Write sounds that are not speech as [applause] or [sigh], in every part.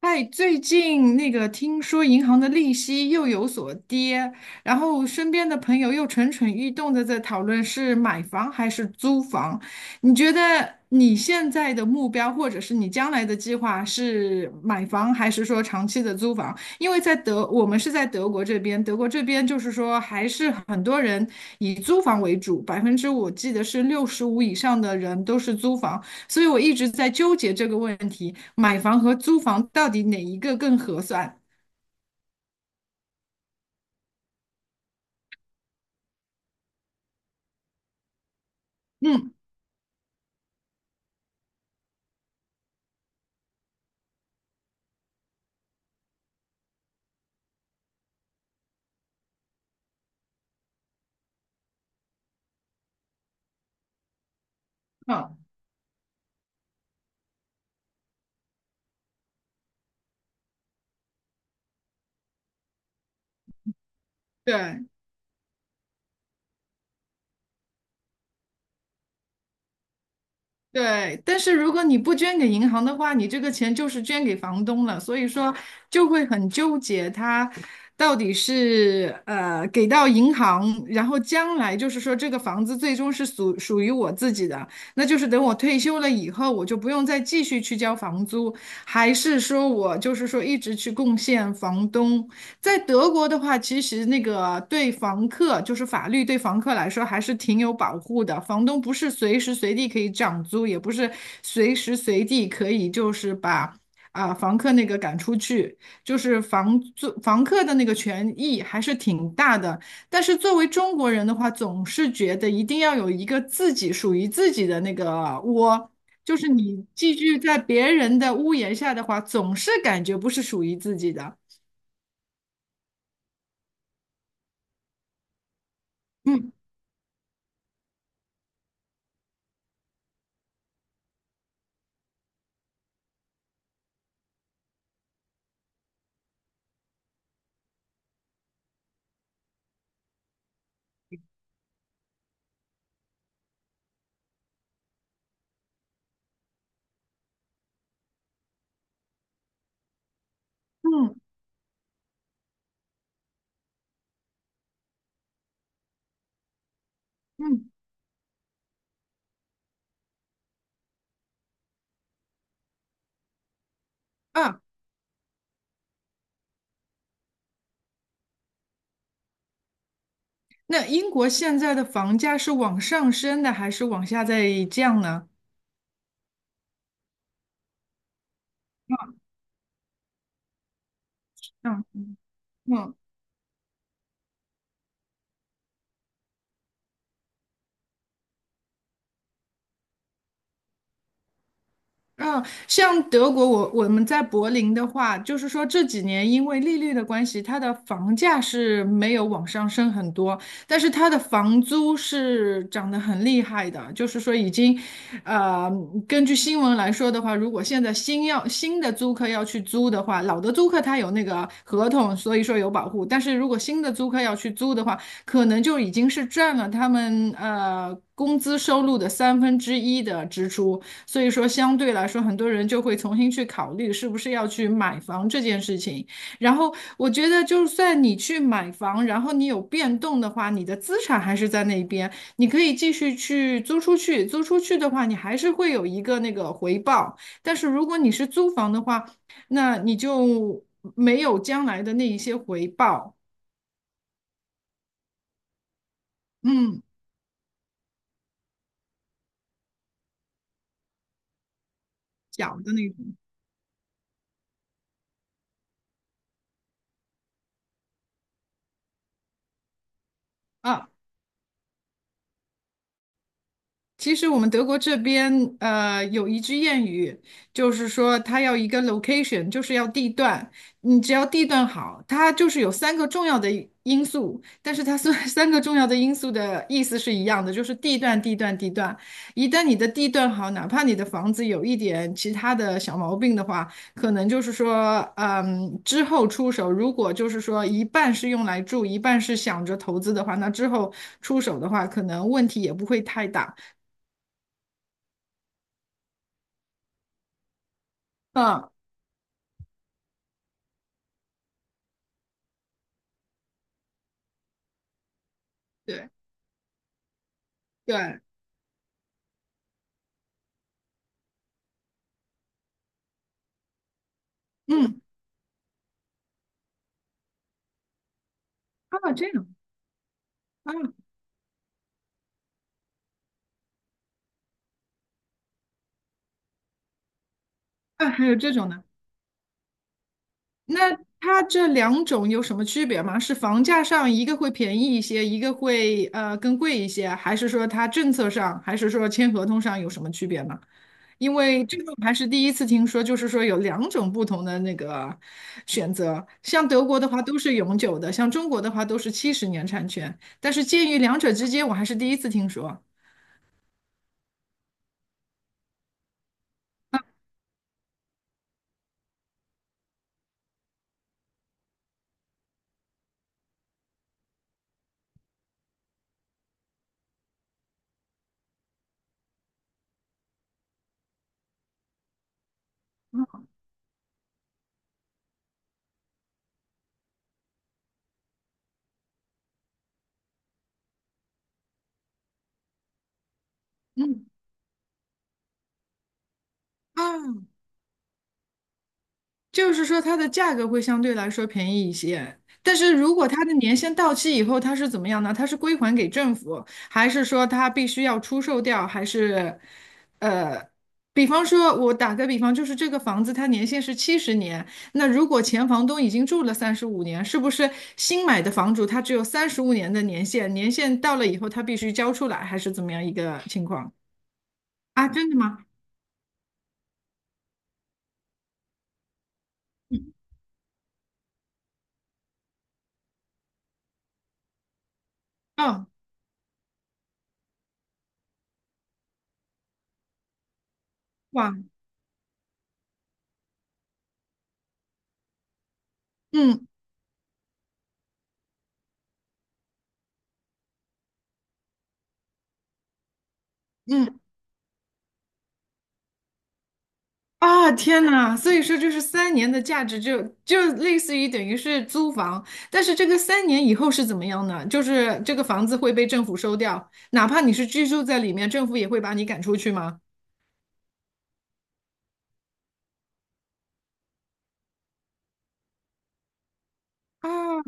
哎，最近那个听说银行的利息又有所跌，然后身边的朋友又蠢蠢欲动的在讨论是买房还是租房。你觉得你现在的目标或者是你将来的计划是买房还是说长期的租房？因为在德，我们是在德国这边，德国这边就是说还是很多人以租房为主，百分之我记得是65以上的人都是租房。所以我一直在纠结这个问题，买房和租房到底哪一个更合算？嗯嗯，对对。但是如果你不捐给银行的话，你这个钱就是捐给房东了，所以说就会很纠结，它到底是给到银行，然后将来就是说这个房子最终是属于我自己的，那就是等我退休了以后，我就不用再继续去交房租，还是说我就是说一直去贡献房东。在德国的话，其实那个对房客，就是法律对房客来说还是挺有保护的。房东不是随时随地可以涨租，也不是随时随地可以就是把房客那个赶出去，就是房客的那个权益还是挺大的。但是作为中国人的话，总是觉得一定要有一个自己属于自己的那个窝。就是你寄居在别人的屋檐下的话，总是感觉不是属于自己的。嗯嗯，嗯啊，那英国现在的房价是往上升的还是往下在降呢？嗯嗯嗯，像德国，我们在柏林的话，就是说这几年因为利率的关系，它的房价是没有往上升很多，但是它的房租是涨得很厉害的，就是说已经，呃，根据新闻来说的话，如果现在新的租客要去租的话，老的租客他有那个合同，所以说有保护，但是如果新的租客要去租的话，可能就已经是占了他们工资收入的三分之一的支出。所以说，相对来说，很多人就会重新去考虑是不是要去买房这件事情。然后，我觉得就算你去买房，然后你有变动的话，你的资产还是在那边，你可以继续去租出去。租出去的话，你还是会有一个那个回报。但是如果你是租房的话，那你就没有将来的那一些回报，嗯，小的那种啊。其实我们德国这边，有一句谚语，就是说它要一个 location，就是要地段。你只要地段好，它就是有三个重要的因素，但是它虽然 [laughs] 三个重要的因素的意思是一样的，就是地段、地段、地段。一旦你的地段好，哪怕你的房子有一点其他的小毛病的话，可能就是说，嗯，之后出手，如果就是说一半是用来住，一半是想着投资的话，那之后出手的话，可能问题也不会太大。嗯，对对，嗯，啊，这样啊啊，还有这种呢？那它这两种有什么区别吗？是房价上一个会便宜一些，一个会更贵一些，还是说它政策上，还是说签合同上有什么区别吗？因为这个我还是第一次听说，就是说有两种不同的那个选择。像德国的话都是永久的，像中国的话都是七十年产权，但是介于两者之间，我还是第一次听说。嗯。啊。就是说它的价格会相对来说便宜一些，但是如果它的年限到期以后，它是怎么样呢？它是归还给政府，还是说它必须要出售掉，还是呃，比方说，我打个比方，就是这个房子它年限是七十年，那如果前房东已经住了三十五年，是不是新买的房主他只有三十五年的年限？年限到了以后，他必须交出来，还是怎么样一个情况啊？真的吗？哦，哇，嗯嗯啊，天呐！所以说，就是三年的价值就类似于等于是租房，但是这个三年以后是怎么样呢？就是这个房子会被政府收掉，哪怕你是居住在里面，政府也会把你赶出去吗？啊，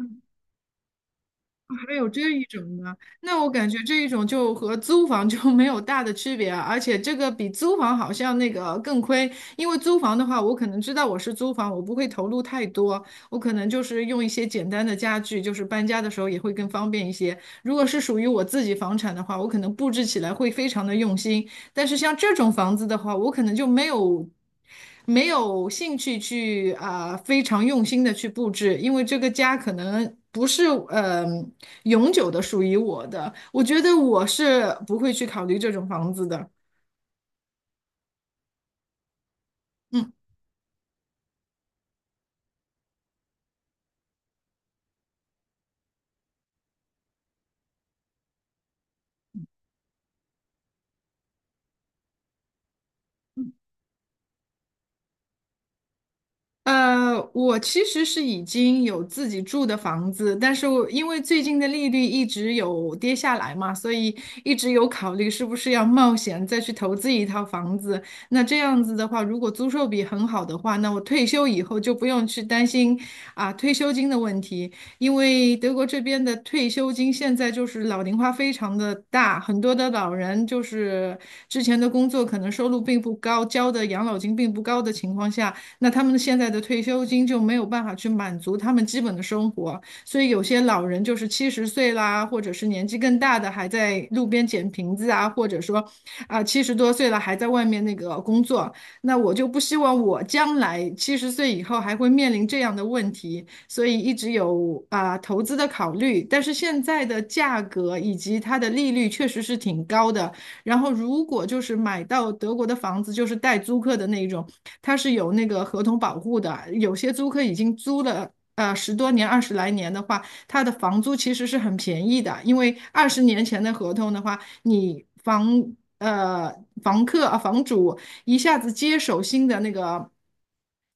还有这一种呢？那我感觉这一种就和租房就没有大的区别啊，而且这个比租房好像那个更亏，因为租房的话，我可能知道我是租房，我不会投入太多，我可能就是用一些简单的家具，就是搬家的时候也会更方便一些。如果是属于我自己房产的话，我可能布置起来会非常的用心，但是像这种房子的话，我可能就没有兴趣去非常用心的去布置，因为这个家可能不是永久的属于我的。我觉得我是不会去考虑这种房子的。嗯。我其实是已经有自己住的房子，但是我因为最近的利率一直有跌下来嘛，所以一直有考虑是不是要冒险再去投资一套房子。那这样子的话，如果租售比很好的话，那我退休以后就不用去担心退休金的问题，因为德国这边的退休金现在就是老龄化非常的大，很多的老人就是之前的工作可能收入并不高，交的养老金并不高的情况下。那他们现在的退休金就没有办法去满足他们基本的生活，所以有些老人就是七十岁啦，或者是年纪更大的还在路边捡瓶子啊，或者说70多岁了还在外面那个工作，那我就不希望我将来七十岁以后还会面临这样的问题，所以一直有投资的考虑，但是现在的价格以及它的利率确实是挺高的。然后如果就是买到德国的房子，就是带租客的那种，它是有那个合同保护的。有些租客已经租了。10多年、20来年的话，它的房租其实是很便宜的，因为20年前的合同的话，你房呃房客啊房主一下子接手新的那个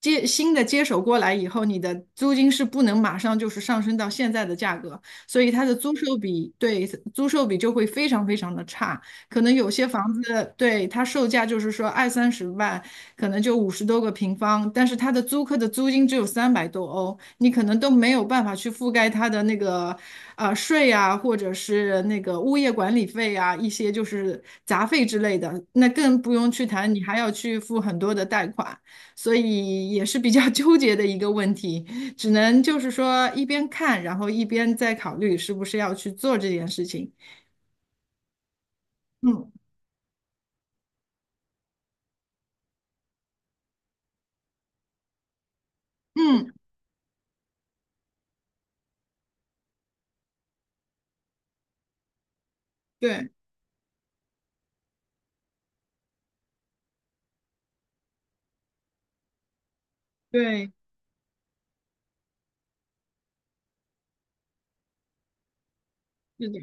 接新的接手过来以后，你的租金是不能马上就是上升到现在的价格，所以它的租售比就会非常非常的差。可能有些房子，对，它售价就是说二三十万，可能就50多个平方，但是它的租客的租金只有300多欧，你可能都没有办法去覆盖它的那个税啊，或者是那个物业管理费啊，一些就是杂费之类的，那更不用去谈，你还要去付很多的贷款，所以也是比较 [laughs] 纠结的一个问题，只能就是说一边看，然后一边再考虑是不是要去做这件事情。嗯嗯，对。对，是的，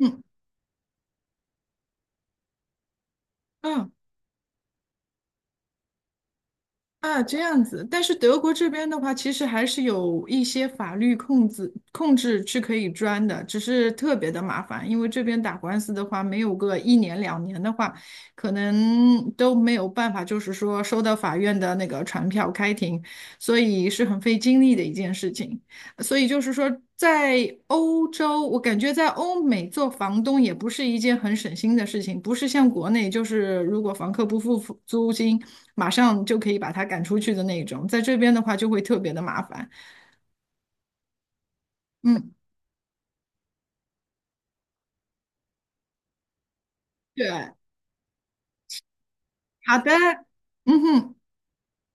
嗯嗯啊，这样子。但是德国这边的话，其实还是有一些法律控制是可以钻的，只是特别的麻烦，因为这边打官司的话，没有个一年两年的话，可能都没有办法，就是说收到法院的那个传票开庭，所以是很费精力的一件事情。所以就是说，在欧洲，我感觉在欧美做房东也不是一件很省心的事情，不是像国内，就是如果房客不付租金，马上就可以把他赶出去的那种。在这边的话，就会特别的麻烦。嗯，对，好的，嗯哼。